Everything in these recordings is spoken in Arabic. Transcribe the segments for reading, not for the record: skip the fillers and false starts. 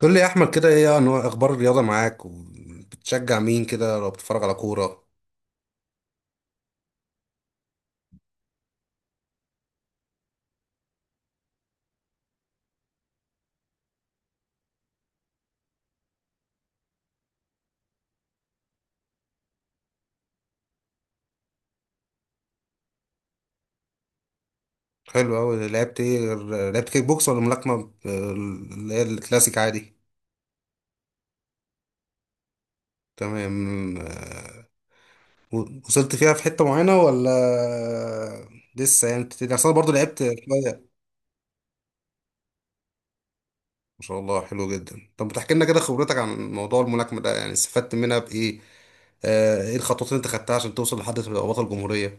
قول لي يا احمد كده، ايه انواع اخبار الرياضه معاك وبتشجع مين كده لو بتتفرج على كوره؟ حلو قوي، لعبت ايه لعبت كيك بوكس ولا ملاكمه؟ اللي هي الكلاسيك عادي. تمام، آه، و- وصلت فيها في حته معينه ولا لسه يعني بتبتدي؟ اصل انا برضه لعبت شويه. ما شاء الله، حلو جدا. طب بتحكي لنا كده خبرتك عن موضوع الملاكمه ده، يعني استفدت منها بايه؟ ايه الخطوات اللي انت خدتها عشان توصل لحد تبقى بطل جمهوريه؟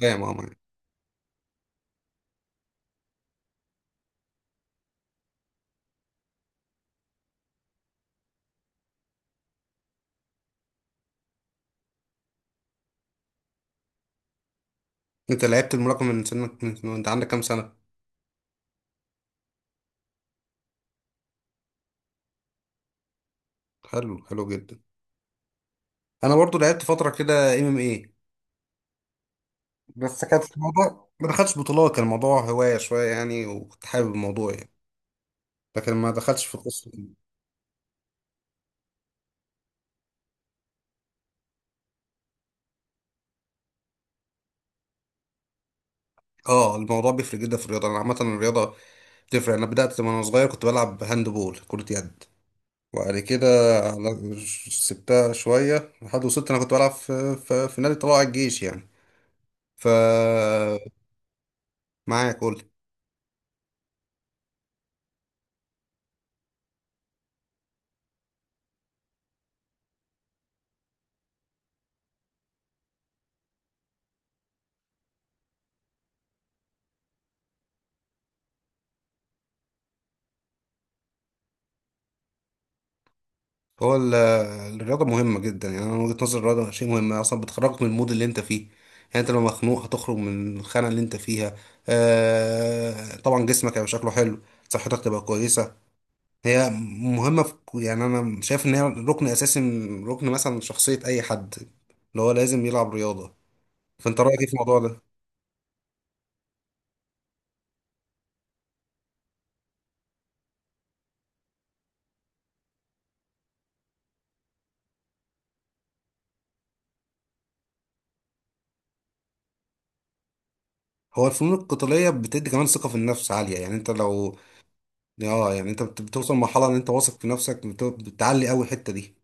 فاهم، اه، معاك. انت لعبت الملاكمه من سنك، انت عندك كام سنه؟ حلو، حلو جدا. انا برضو لعبت فتره كده، ام ام اي. بس كانت الموضوع ما دخلتش بطولات، كان الموضوع هوايه شويه يعني، وكنت حابب الموضوع يعني. لكن ما دخلتش في القصه دي. اه، الموضوع بيفرق جدا في الرياضه. انا عامه الرياضه بتفرق. انا بدات وانا صغير كنت بلعب هاند بول، كره يد. وبعد كده على- سبتها شويه. لحد وصلت انا كنت بلعب في نادي طلائع الجيش يعني. ف معايا، قول. هو ال- الرياضة مهمة جدا. يعني أنا من وجهة نظري الرياضة شيء مهم أصلا، بتخرجك من المود اللي أنت فيه. يعني أنت لو مخنوق هتخرج من الخانة اللي أنت فيها. آه طبعا جسمك هيبقى شكله حلو، صحتك تبقى كويسة. هي مهمة في يعني أنا شايف إن هي ركن أساسي من ركن مثلا شخصية أي حد، اللي هو لازم يلعب رياضة. فأنت رأيك إيه في الموضوع ده؟ هو الفنون القتالية بتدي كمان ثقة في النفس عالية. يعني أنت لو، يعني أنت بتوصل لمرحلة إن أنت واثق في نفسك، بتعلي أوي الحتة دي.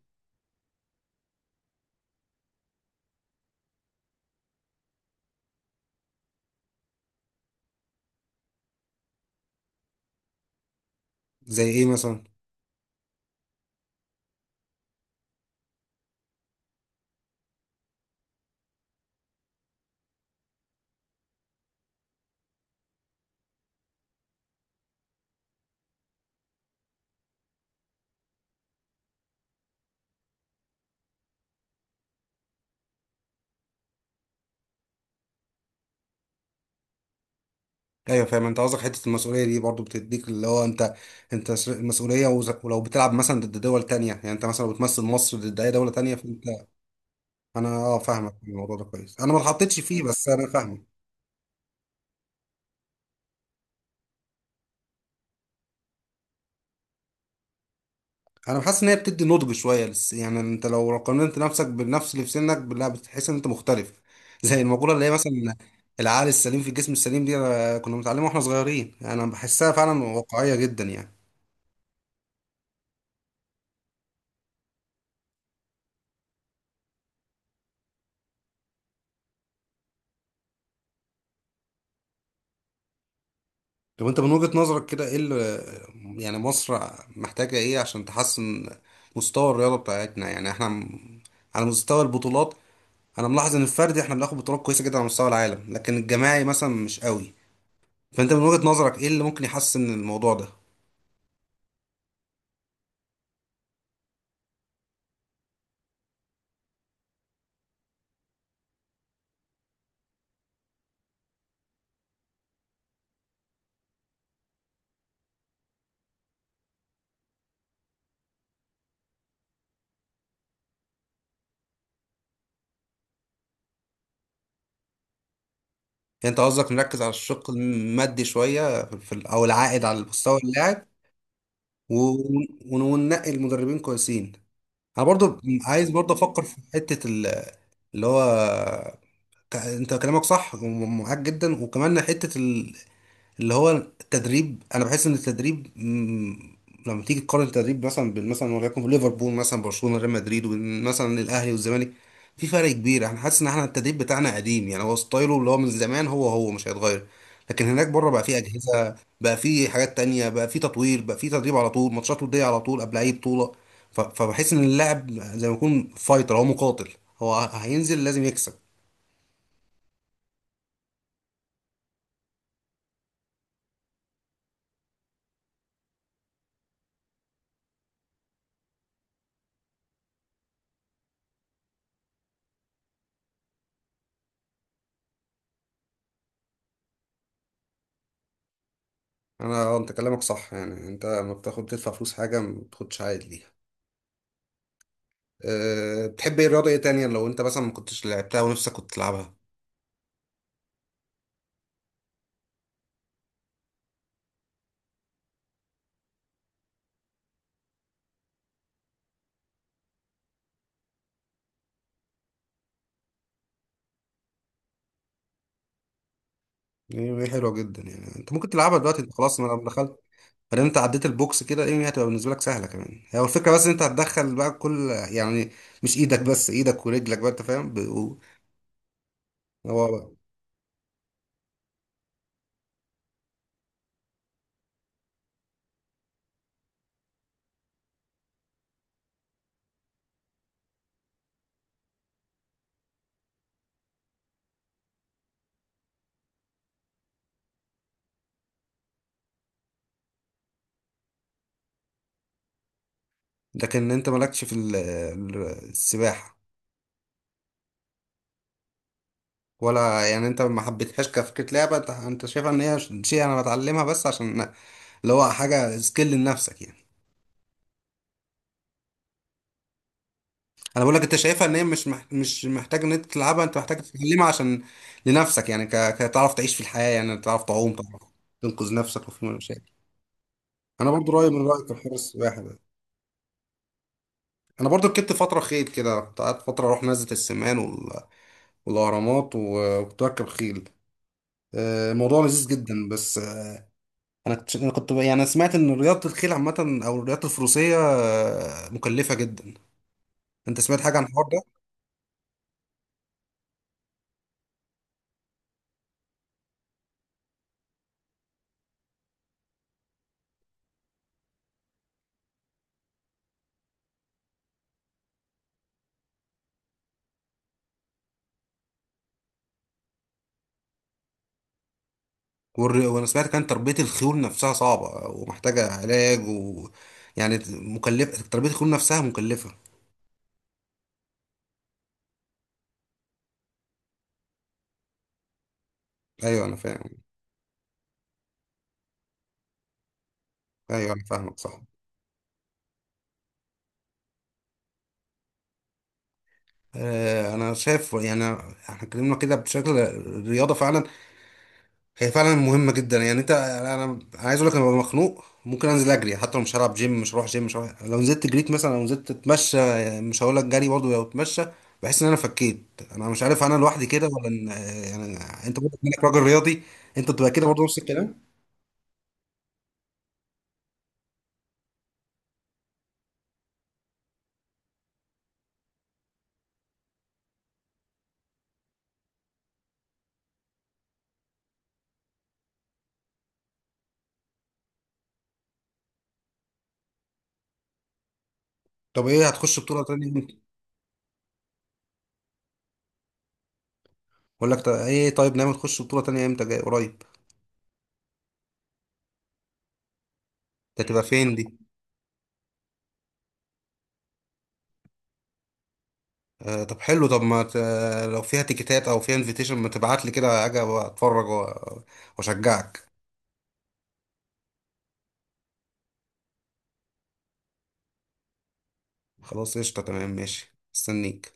زي إيه مثلا؟ ايوه، فاهم. انت قصدك حته المسؤوليه دي برضو بتديك اللي هو انت، انت المسؤوليه، ولو بتلعب مثلا ضد دول تانية. يعني انت مثلا لو بتمثل مصر ضد اي دوله تانية، فانت. انا، اه، فاهمك في الموضوع ده كويس. انا ما اتحطيتش فيه بس انا فاهمك. انا بحس ان هي بتدي نضج شويه لس. يعني انت لو قارنت نفسك بالنفس اللي في سنك، لا بتحس ان انت مختلف زي المقوله اللي هي مثلا العقل السليم في الجسم السليم. دي أنا كنا بنتعلمها واحنا صغيرين. يعني انا بحسها فعلا واقعيه جدا يعني. طب انت من وجهة نظرك كده، ايه اللي، يعني مصر محتاجة ايه عشان تحسن مستوى الرياضة بتاعتنا؟ يعني احنا على مستوى البطولات، انا ملاحظ ان الفردي احنا بناخد بطولات كويسة جدا على مستوى العالم، لكن الجماعي مثلا مش قوي. فانت من وجهة نظرك ايه اللي ممكن يحسن الموضوع ده؟ يعني انت قصدك نركز على الشق المادي شوية في او العائد على مستوى اللاعب، و- ون- وننقي المدربين كويسين. انا برضو عايز برضو افكر في حتة اللي هو، انت كلامك صح ومعاك جدا. وكمان حتة اللي هو التدريب. انا بحس ان التدريب لما تيجي تقارن التدريب مثلا بين، مثلا وليكن ليفربول، مثلا برشلونة، ريال مدريد، وبين مثلا الاهلي والزمالك، في فرق كبير. انا حاسس ان احنا التدريب بتاعنا قديم يعني، هو ستايله اللي هو من زمان، هو مش هيتغير. لكن هناك بره بقى في اجهزة، بقى في حاجات تانية، بقى في تطوير، بقى في تدريب على طول، ماتشات ودية على طول قبل اي بطولة. ف- فبحس ان اللاعب زي ما يكون فايتر، هو مقاتل، هو هينزل لازم يكسب. انا، اه، انت كلامك صح. يعني انت لما بتاخد تدفع فلوس حاجه ما بتاخدش عائد ليها. أه بتحب ايه رياضه ايه تانية لو انت مثلا ما كنتش لعبتها ونفسك كنت تلعبها؟ يعني هي حلوه جدا، يعني انت ممكن تلعبها دلوقتي، انت خلاص ما لما دخلت، بعدين انت عديت البوكس كده، ايه هتبقى بالنسبه لك سهله كمان. هي الفكره بس إن انت هتدخل بقى كل يعني، مش ايدك بس، ايدك ورجلك بقى، انت فاهم هو، لكن انت مالكش في السباحه، ولا يعني انت ما حبيتهاش كفكرة لعبة؟ انت شايفها ان هي شيء انا بتعلمها بس عشان، اللي هو حاجة سكيل لنفسك يعني. انا بقول لك، انت شايفها ان هي مش محتاج ان انت تلعبها، انت محتاج تتعلمها عشان لنفسك يعني، كتعرف تعيش في الحياة، يعني تعرف تعوم، تعرف تنقذ نفسك وفي مشاكل. انا برضو رأيي من رأيك في حوار السباحة ده. انا برضو ركبت فترة خيل كده، كنت قعدت فترة اروح نزلة السمان والاهرامات، و- وكنت بركب خيل. الموضوع لذيذ جدا، بس انا كنت أنا كنت- يعني انا سمعت ان رياضه الخيل عامه او الرياضه الفروسيه مكلفه جدا. انت سمعت حاجه عن الحوار ده؟ والر- وانا سمعت كان تربيه الخيول نفسها صعبه ومحتاجه علاج، و، يعني مكلفه. تربيه الخيول نفسها مكلفه. ايوه انا فاهم. ايوه انا فاهمك، صح. انا شايف يعني احنا اتكلمنا كده بشكل الرياضه. فعلا هي فعلا مهمه جدا. يعني انت، أنا عايز اقول لك، انا ببقى مخنوق ممكن انزل اجري، حتى لو مش هلعب جيم، مش هروح جيم، مش هروح، لو نزلت جريت مثلا، لو نزلت اتمشى، مش هقول لك جري، برضه لو اتمشى، بحس ان انا فكيت. انا مش عارف، انا لوحدي كده ولا يعني، انت برضه انك راجل رياضي، انت بتبقى كده برضه نفس الكلام؟ طب ايه، هتخش بطوله تانية امتى؟ اقول لك، طب ايه، طيب نعمل، تخش بطوله تانية امتى، جاي قريب؟ ده تبقى فين دي؟ آه طب حلو. طب ما لو فيها تيكيتات او فيها انفيتيشن ما تبعت لي كده، اجي اتفرج واشجعك. خلاص، قشطة، تمام، ماشي، استنيك.